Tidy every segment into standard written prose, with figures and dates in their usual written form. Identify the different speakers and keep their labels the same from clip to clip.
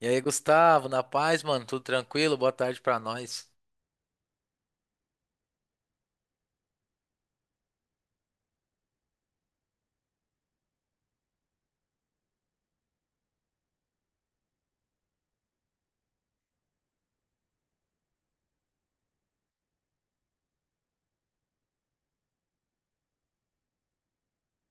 Speaker 1: E aí, Gustavo, na paz, mano? Tudo tranquilo? Boa tarde pra nós.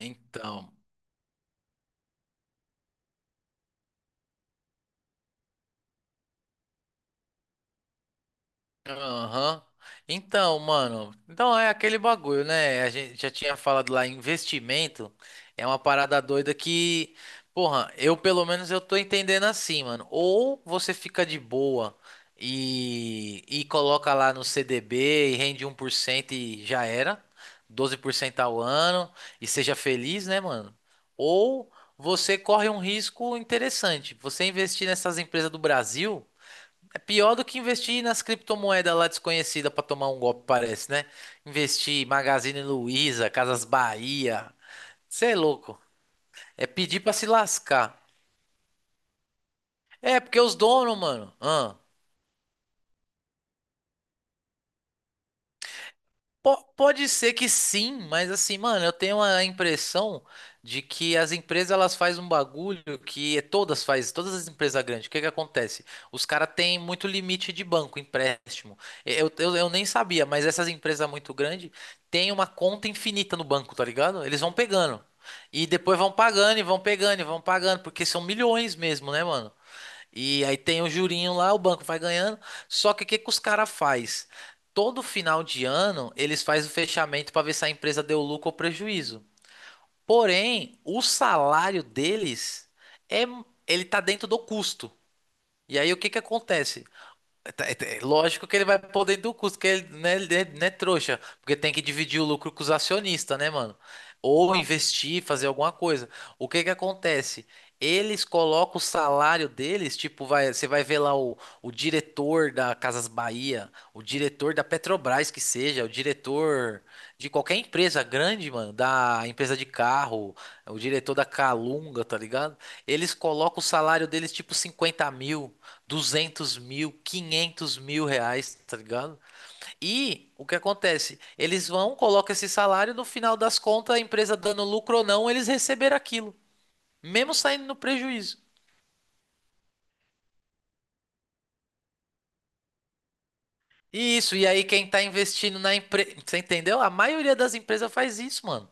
Speaker 1: Então. Aham. Então, mano, então é aquele bagulho, né? A gente já tinha falado lá, investimento é uma parada doida que, porra, eu pelo menos eu tô entendendo assim, mano. Ou você fica de boa e coloca lá no CDB e rende 1% e já era, 12% ao ano e seja feliz, né, mano? Ou você corre um risco interessante. Você investir nessas empresas do Brasil. É pior do que investir nas criptomoedas lá desconhecida pra tomar um golpe, parece, né? Investir em Magazine Luiza, Casas Bahia. Cê é louco. É pedir pra se lascar. É, porque os donos, mano. Pode ser que sim, mas assim, mano, eu tenho a impressão de que as empresas elas fazem um bagulho que todas fazem, todas as empresas grandes. O que que acontece? Os caras têm muito limite de banco, empréstimo. Eu nem sabia, mas essas empresas muito grandes têm uma conta infinita no banco, tá ligado? Eles vão pegando. E depois vão pagando e vão pegando e vão pagando, porque são milhões mesmo, né, mano? E aí tem o jurinho lá, o banco vai ganhando. Só que o que que os caras faz? Todo final de ano, eles fazem o fechamento para ver se a empresa deu lucro ou prejuízo. Porém, o salário deles é, ele tá dentro do custo. E aí o que que acontece? Tá, é, é lógico que ele vai pôr dentro do custo, que ele, né, ele não é trouxa, porque tem que dividir o lucro com os acionistas, né, mano? Ou investir, fazer alguma coisa. O que que acontece? Eles colocam o salário deles, tipo, vai, você vai ver lá o diretor da Casas Bahia, o diretor da Petrobras, que seja, o diretor de qualquer empresa grande, mano, da empresa de carro, o diretor da Calunga, tá ligado? Eles colocam o salário deles, tipo, 50 mil, 200 mil, 500 mil reais, tá ligado? E o que acontece? Eles vão, colocam esse salário, no final das contas, a empresa dando lucro ou não, eles receberam aquilo, mesmo saindo no prejuízo. E isso, e aí quem tá investindo na empresa, você entendeu? A maioria das empresas faz isso, mano.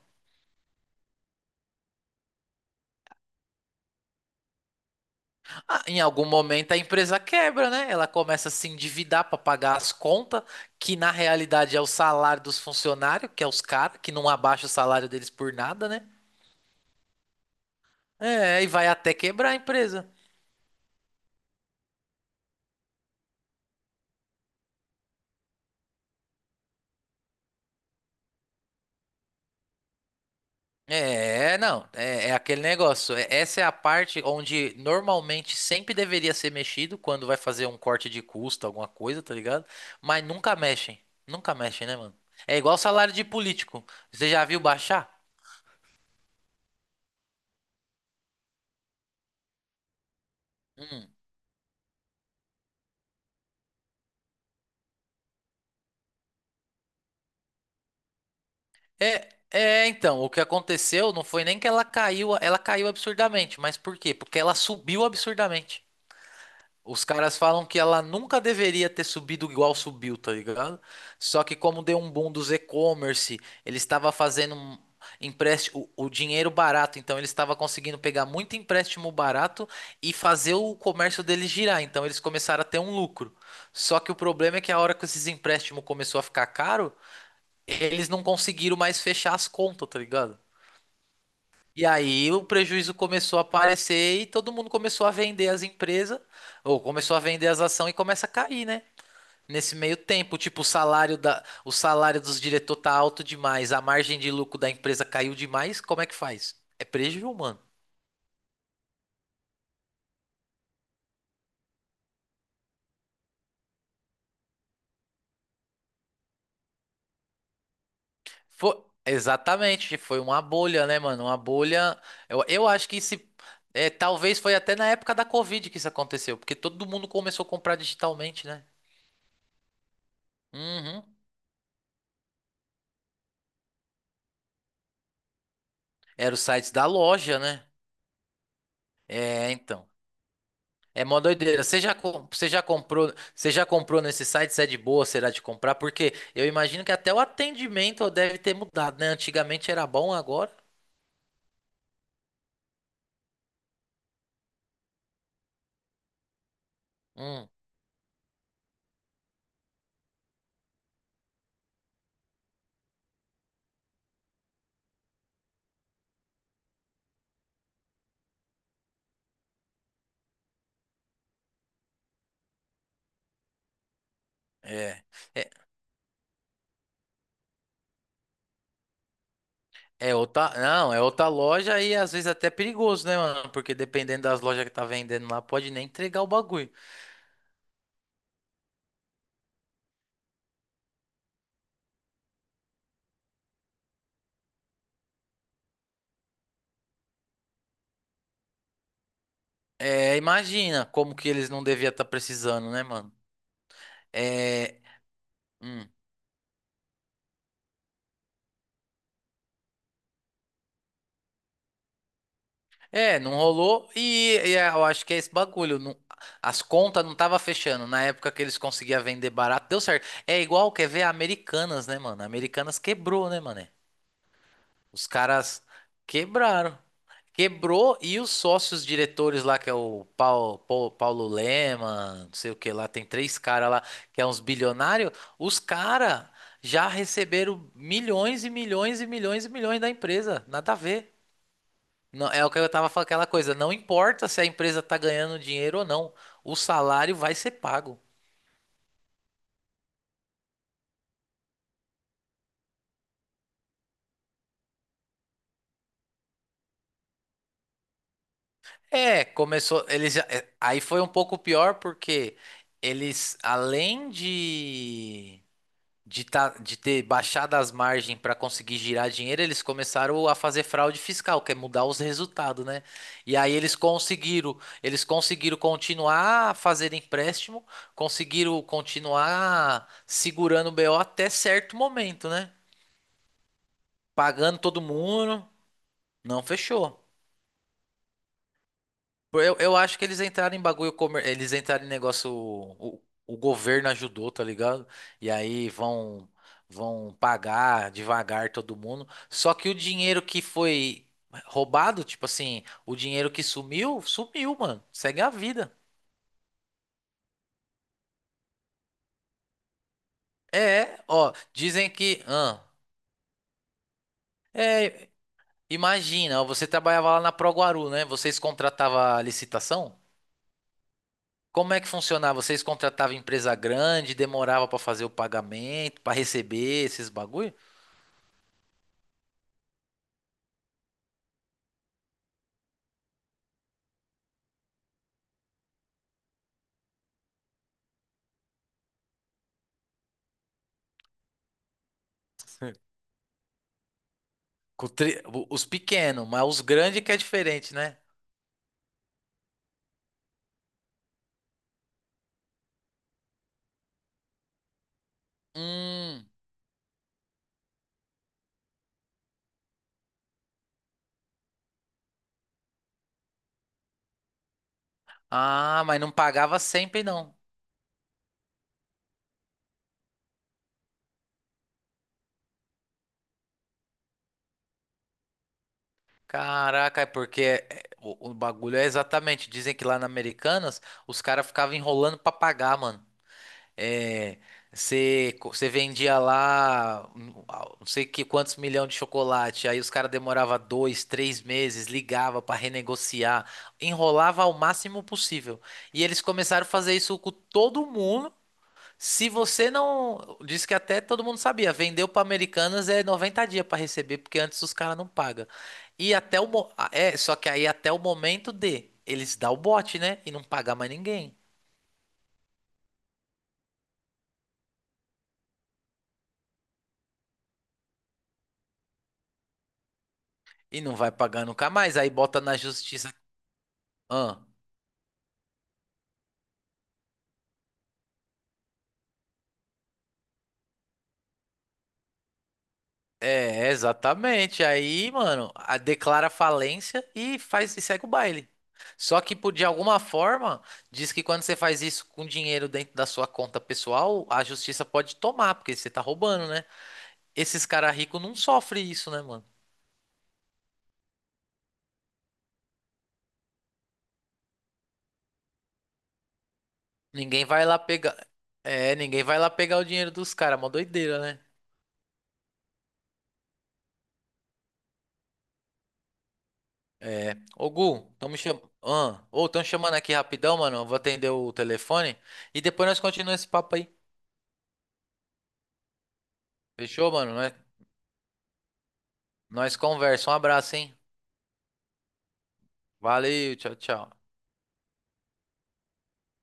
Speaker 1: Ah, em algum momento a empresa quebra, né? Ela começa a se endividar pra pagar as contas, que na realidade é o salário dos funcionários, que é os caras que não abaixa o salário deles por nada, né? É, e vai até quebrar a empresa. É, não, é, é aquele negócio. Essa é a parte onde normalmente sempre deveria ser mexido quando vai fazer um corte de custo, alguma coisa, tá ligado? Mas nunca mexem. Nunca mexem, né, mano? É igual salário de político. Você já viu baixar? Hum. É, é, então, o que aconteceu não foi nem que ela caiu absurdamente, mas por quê? Porque ela subiu absurdamente. Os caras falam que ela nunca deveria ter subido igual subiu, tá ligado? Só que como deu um boom dos e-commerce, ele estava fazendo um empréstimo, o dinheiro barato, então ele estava conseguindo pegar muito empréstimo barato e fazer o comércio dele girar, então eles começaram a ter um lucro. Só que o problema é que a hora que esses empréstimos começou a ficar caro, eles não conseguiram mais fechar as contas, tá ligado? E aí o prejuízo começou a aparecer e todo mundo começou a vender as empresas, ou começou a vender as ações e começa a cair, né? Nesse meio tempo, tipo, o salário dos diretores tá alto demais, a margem de lucro da empresa caiu demais, como é que faz? É prejuízo, mano. Foi, exatamente, foi uma bolha, né, mano? Uma bolha. Eu acho que se é, talvez foi até na época da Covid que isso aconteceu, porque todo mundo começou a comprar digitalmente, né? Uhum. Era o site da loja, né? É, então. É mó doideira. Você já comprou nesse site? Se é de boa, será de comprar? Porque eu imagino que até o atendimento deve ter mudado, né? Antigamente era bom, agora. Hum, é. É, é outra, não, é outra loja e às vezes até perigoso, né, mano? Porque dependendo das lojas que tá vendendo lá, pode nem entregar o bagulho. É, imagina como que eles não deviam estar precisando, né, mano? É. Hum. É, não rolou e é, eu acho que é esse bagulho. As contas não tava fechando. Na época que eles conseguiam vender barato, deu certo. É igual, quer ver, a Americanas, né, mano? A Americanas quebrou, né, mano? Os caras quebraram. Quebrou e os sócios diretores lá, que é o Paulo, Paulo Lema, não sei o que lá, tem três caras lá, que é uns bilionários. Os caras já receberam milhões e milhões e milhões e milhões da empresa. Nada a ver. Não, é o que eu tava falando, aquela coisa, não importa se a empresa tá ganhando dinheiro ou não, o salário vai ser pago. É, começou, eles já, é, aí foi um pouco pior porque eles, além de ter baixado as margens para conseguir girar dinheiro, eles começaram a fazer fraude fiscal, que é mudar os resultados, né? E aí eles conseguiram continuar a fazer empréstimo, conseguiram continuar segurando o BO até certo momento, né? Pagando todo mundo. Não fechou. Eu acho que eles entraram em bagulho, eles entraram em negócio. O governo ajudou, tá ligado? E aí vão pagar devagar todo mundo. Só que o dinheiro que foi roubado, tipo assim, o dinheiro que sumiu, sumiu, mano. Segue a vida. É, ó, dizem que... Ah, é, imagina, ó, você trabalhava lá na Proguaru, né? Vocês contratavam a licitação? Como é que funcionava? Vocês contratavam empresa grande, demorava pra fazer o pagamento, pra receber esses bagulho? Os pequenos, mas os grandes que é diferente, né? Hum. Ah, mas não pagava sempre, não. Caraca, é porque o bagulho é exatamente. Dizem que lá na Americanas os caras ficavam enrolando pra pagar, mano. É, você vendia lá ah, não sei que quantos milhões de chocolate, aí os caras demorava 2, 3 meses, ligava para renegociar, enrolava ao máximo possível. E eles começaram a fazer isso com todo mundo. Se você não, disse que até todo mundo sabia, vendeu para Americanas é 90 dias para receber, porque antes os caras não pagam. E até é, só que aí até o momento de eles dar o bote, né, e não pagar mais ninguém. E não vai pagar nunca mais. Aí bota na justiça. Ah, é, exatamente. Aí, mano, declara falência e faz e segue o baile. Só que por, de alguma forma, diz que quando você faz isso com dinheiro dentro da sua conta pessoal, a justiça pode tomar, porque você tá roubando, né? Esses caras ricos não sofrem isso, né, mano? Ninguém vai lá pegar. É, ninguém vai lá pegar o dinheiro dos caras. Mó doideira, né? É. Ô, Gu, estamos cham... ah, ô, tão chamando aqui rapidão, mano. Eu vou atender o telefone. E depois nós continuamos esse papo aí. Fechou, mano? Nós conversa. Um abraço, hein? Valeu, tchau, tchau.